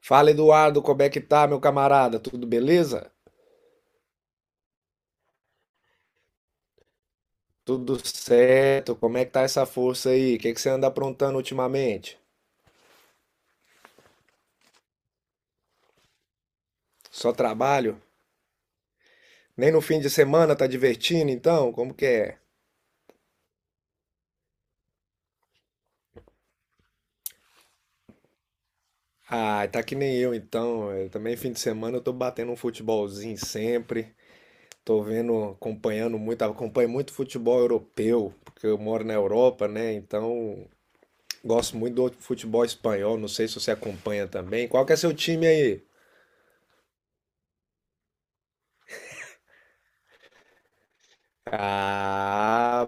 Fala, Eduardo, como é que tá, meu camarada? Tudo beleza? Tudo certo? Como é que tá essa força aí? O que que você anda aprontando ultimamente? Só trabalho? Nem no fim de semana tá divertindo, então? Como que é? Ah, tá que nem eu, então. Eu também fim de semana eu tô batendo um futebolzinho sempre. Tô vendo, acompanhando muito, acompanho muito futebol europeu, porque eu moro na Europa, né? Então, gosto muito do futebol espanhol. Não sei se você acompanha também. Qual que é seu time aí? Ah,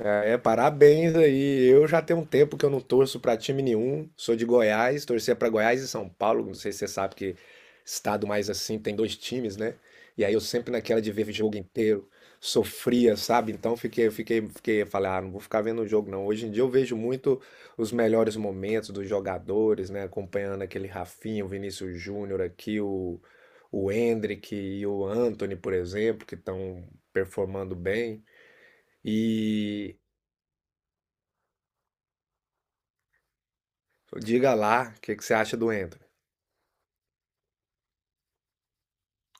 é, parabéns aí. Eu já tenho um tempo que eu não torço pra time nenhum. Sou de Goiás, torcia pra Goiás e São Paulo. Não sei se você sabe que estado mais assim tem dois times, né? E aí eu sempre naquela de ver jogo inteiro, sofria, sabe? Então fiquei, falei, ah, não vou ficar vendo o jogo não. Hoje em dia eu vejo muito os melhores momentos dos jogadores, né? Acompanhando aquele Rafinha, o Vinícius Júnior aqui, o Endrick e o Anthony, por exemplo, que estão performando bem. E diga lá o que que você acha do Anthony.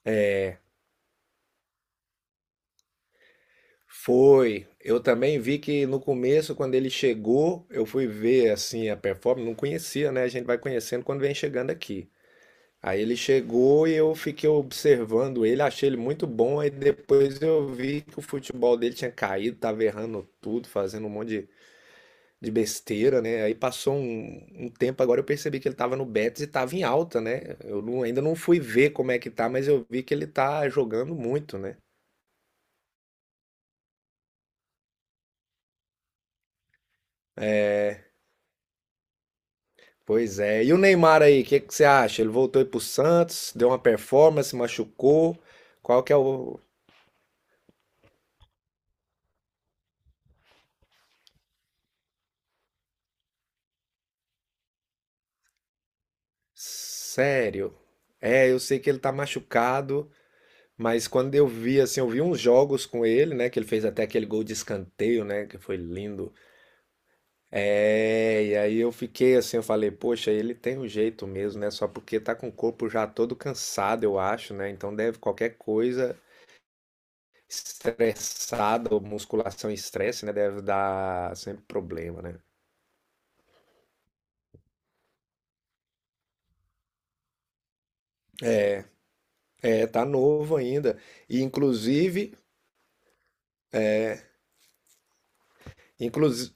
É, foi. Eu também vi que no começo, quando ele chegou, eu fui ver assim a performance, não conhecia, né? A gente vai conhecendo quando vem chegando aqui. Aí ele chegou e eu fiquei observando ele, achei ele muito bom. Aí depois eu vi que o futebol dele tinha caído, tava errando tudo, fazendo um monte de besteira, né? Aí passou um tempo, agora eu percebi que ele tava no Betis e tava em alta, né? Eu não- Ainda não fui ver como é que tá, mas eu vi que ele tá jogando muito, né? É, pois é. E o Neymar aí, o que que você acha? Ele voltou aí pro Santos, deu uma performance, machucou. Qual que é o. Sério? É, eu sei que ele tá machucado, mas quando eu vi, assim, eu vi uns jogos com ele, né? Que ele fez até aquele gol de escanteio, né? Que foi lindo. É, e aí eu fiquei assim, eu falei, poxa, ele tem um jeito mesmo, né? Só porque tá com o corpo já todo cansado, eu acho, né? Então deve qualquer coisa estressada, ou musculação e estresse, né? Deve dar sempre problema, né? É, tá novo ainda. E inclusive, inclusive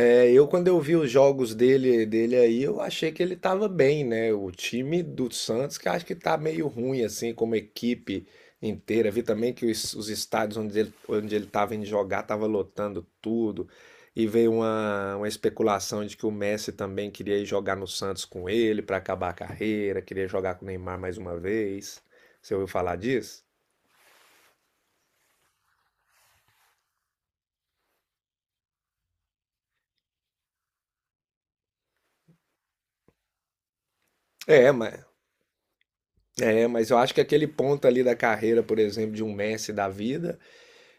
é, eu quando eu vi os jogos dele aí, eu achei que ele tava bem, né? O time do Santos que acho que tá meio ruim assim, como equipe inteira. Vi também que os estádios onde ele tava indo jogar tava lotando tudo. E veio uma especulação de que o Messi também queria ir jogar no Santos com ele pra acabar a carreira, queria jogar com o Neymar mais uma vez. Você ouviu falar disso? É, mas, é, mas eu acho que aquele ponto ali da carreira, por exemplo, de um Messi da vida,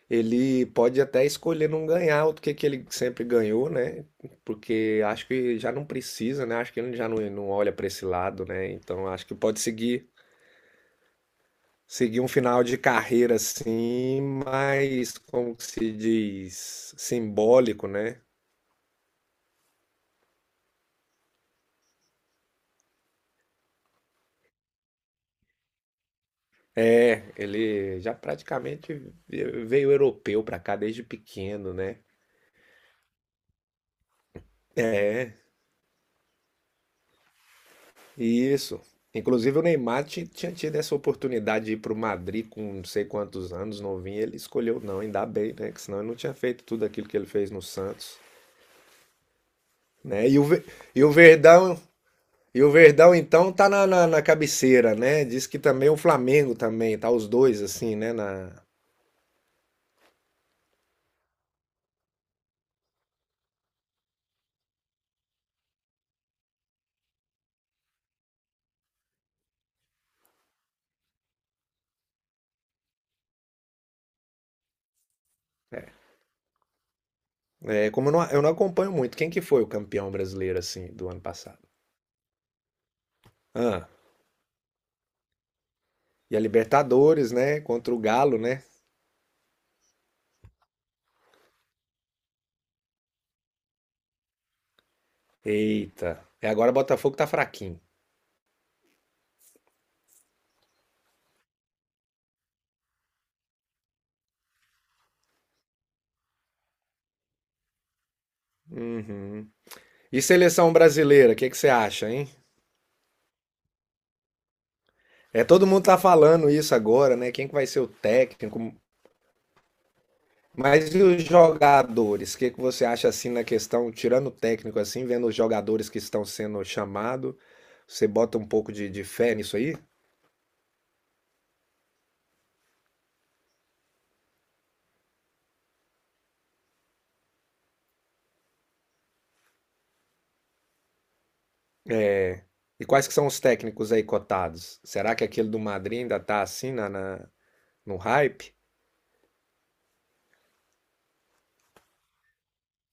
ele pode até escolher não ganhar o que que ele sempre ganhou, né? Porque acho que já não precisa, né? Acho que ele já não olha para esse lado, né? Então acho que pode seguir um final de carreira assim, mais como que se diz, simbólico, né? É, ele já praticamente veio europeu para cá desde pequeno, né? É. Isso. Inclusive o Neymar tinha tido essa oportunidade de ir pro Madrid com não sei quantos anos, novinho, ele escolheu não, ainda bem, né? Que senão ele não tinha feito tudo aquilo que ele fez no Santos, né? E o, Ve- e o Verdão, e o Verdão então tá na cabeceira, né? Diz que também o Flamengo também, tá os dois assim, né? Na... É, como eu não acompanho muito, quem que foi o campeão brasileiro assim do ano passado? Ah, e a Libertadores, né? Contra o Galo, né? Eita. E agora o Botafogo tá fraquinho. Uhum. E seleção brasileira, o que que você acha, hein? É, todo mundo tá falando isso agora, né? Quem que vai ser o técnico? Mas e os jogadores? O que que você acha assim na questão, tirando o técnico assim, vendo os jogadores que estão sendo chamados, você bota um pouco de fé nisso aí? E quais que são os técnicos aí cotados? Será que aquele do Madrid ainda tá assim no hype?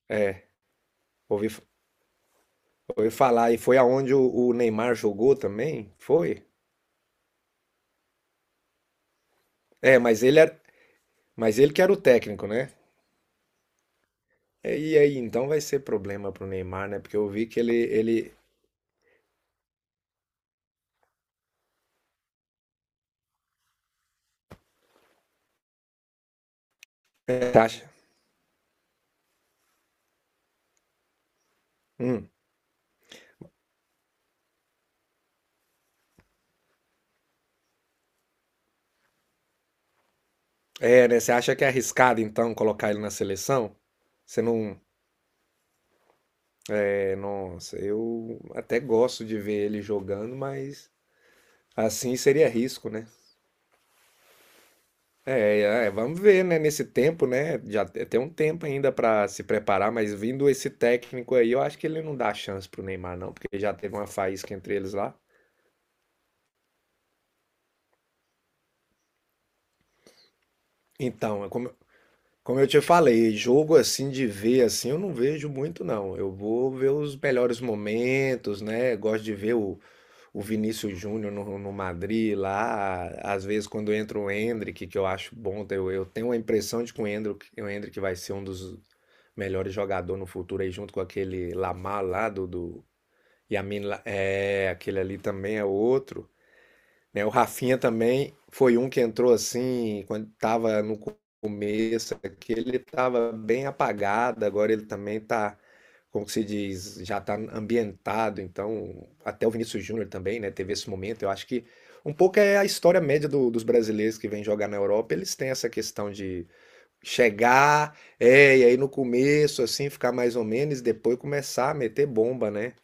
É, ouvi, ouvi falar. E foi aonde o Neymar jogou também? Foi? É, mas ele era, mas ele que era o técnico, né? É, e aí, então vai ser problema pro Neymar, né? Porque eu vi que ele você acha. Hum. É, né? Você acha que é arriscado, então, colocar ele na seleção? Você não. É, nossa, eu até gosto de ver ele jogando, mas assim seria risco, né? É, vamos ver, né? Nesse tempo, né? Já tem um tempo ainda pra se preparar, mas vindo esse técnico aí, eu acho que ele não dá chance pro Neymar, não, porque já teve uma faísca entre eles lá. Então, é como, Como eu te falei, jogo assim de ver assim, eu não vejo muito não. Eu vou ver os melhores momentos, né? Gosto de ver o Vinícius Júnior no Madrid lá. Às vezes quando entra o Endrick, que eu acho bom, eu tenho a impressão de que o Endrick vai ser um dos melhores jogadores no futuro aí, junto com aquele Lamar lá do é, aquele ali também é outro né? O Rafinha também foi um que entrou assim, quando estava no começo é que ele estava bem apagado, agora ele também está, como que se diz, já está ambientado, então até o Vinícius Júnior também, né, teve esse momento. Eu acho que um pouco é a história média dos brasileiros que vêm jogar na Europa, eles têm essa questão de chegar, é, e aí no começo assim ficar mais ou menos, e depois começar a meter bomba, né?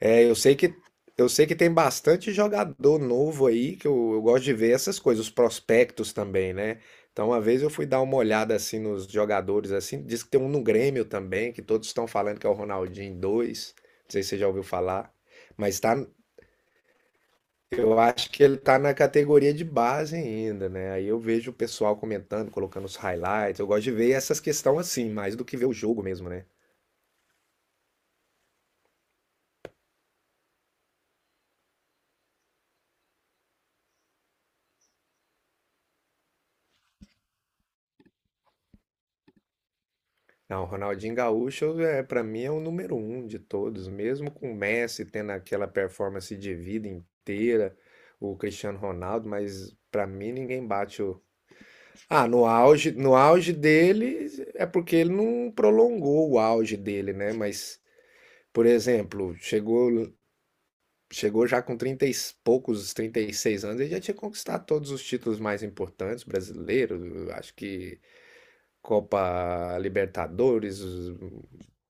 É, eu sei que eu sei que tem bastante jogador novo aí, que eu gosto de ver essas coisas, os prospectos também, né? Então, uma vez eu fui dar uma olhada assim nos jogadores assim, diz que tem um no Grêmio também, que todos estão falando que é o Ronaldinho 2. Não sei se você já ouviu falar, mas tá, eu acho que ele tá na categoria de base ainda, né? Aí eu vejo o pessoal comentando, colocando os highlights. Eu gosto de ver essas questões assim, mais do que ver o jogo mesmo, né? Não, o Ronaldinho Gaúcho para mim é o número um de todos, mesmo com o Messi tendo aquela performance de vida inteira, o Cristiano Ronaldo, mas para mim ninguém bate o. Ah, no auge dele é porque ele não prolongou o auge dele, né? Mas, por exemplo, chegou já com 30 e poucos, 36 anos, ele já tinha conquistado todos os títulos mais importantes brasileiros, acho que Copa Libertadores,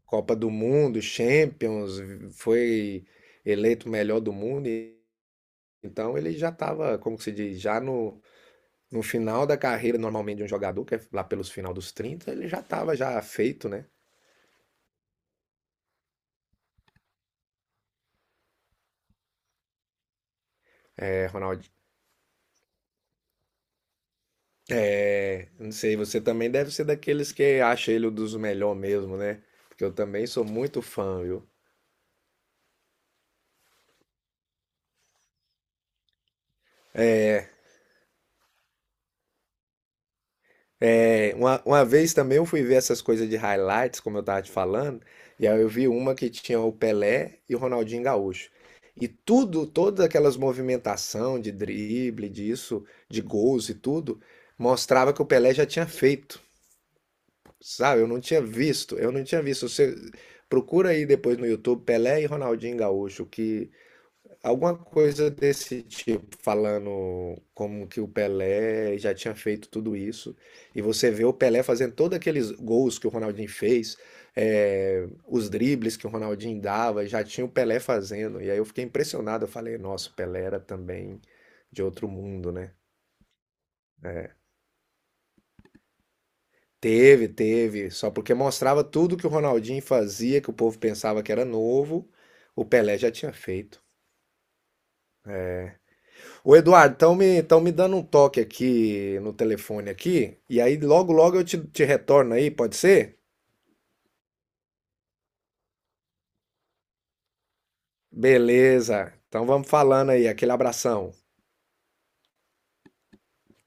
Copa do Mundo, Champions, foi eleito o melhor do mundo. Então ele já estava, como que se diz, já no final da carreira normalmente de um jogador, que é lá pelos final dos 30 ele já estava já feito, né? É, Ronaldo, é, não sei, você também deve ser daqueles que acha ele um dos melhores mesmo, né? Porque eu também sou muito fã, viu? Uma vez também eu fui ver essas coisas de highlights, como eu tava te falando, e aí eu vi uma que tinha o Pelé e o Ronaldinho Gaúcho. E tudo, todas aquelas movimentação de drible, disso, de gols e tudo, mostrava que o Pelé já tinha feito, sabe? Eu não tinha visto. Você procura aí depois no YouTube Pelé e Ronaldinho Gaúcho, que alguma coisa desse tipo, falando como que o Pelé já tinha feito tudo isso, e você vê o Pelé fazendo todos aqueles gols que o Ronaldinho fez, os dribles que o Ronaldinho dava, já tinha o Pelé fazendo, e aí eu fiquei impressionado, eu falei, nossa, o Pelé era também de outro mundo, né? Teve, teve, só porque mostrava tudo que o Ronaldinho fazia, que o povo pensava que era novo, o Pelé já tinha feito. Ô Eduardo, tão me dando um toque aqui no telefone aqui, e aí logo logo eu te retorno aí, pode ser? Beleza, então vamos falando aí, aquele abração.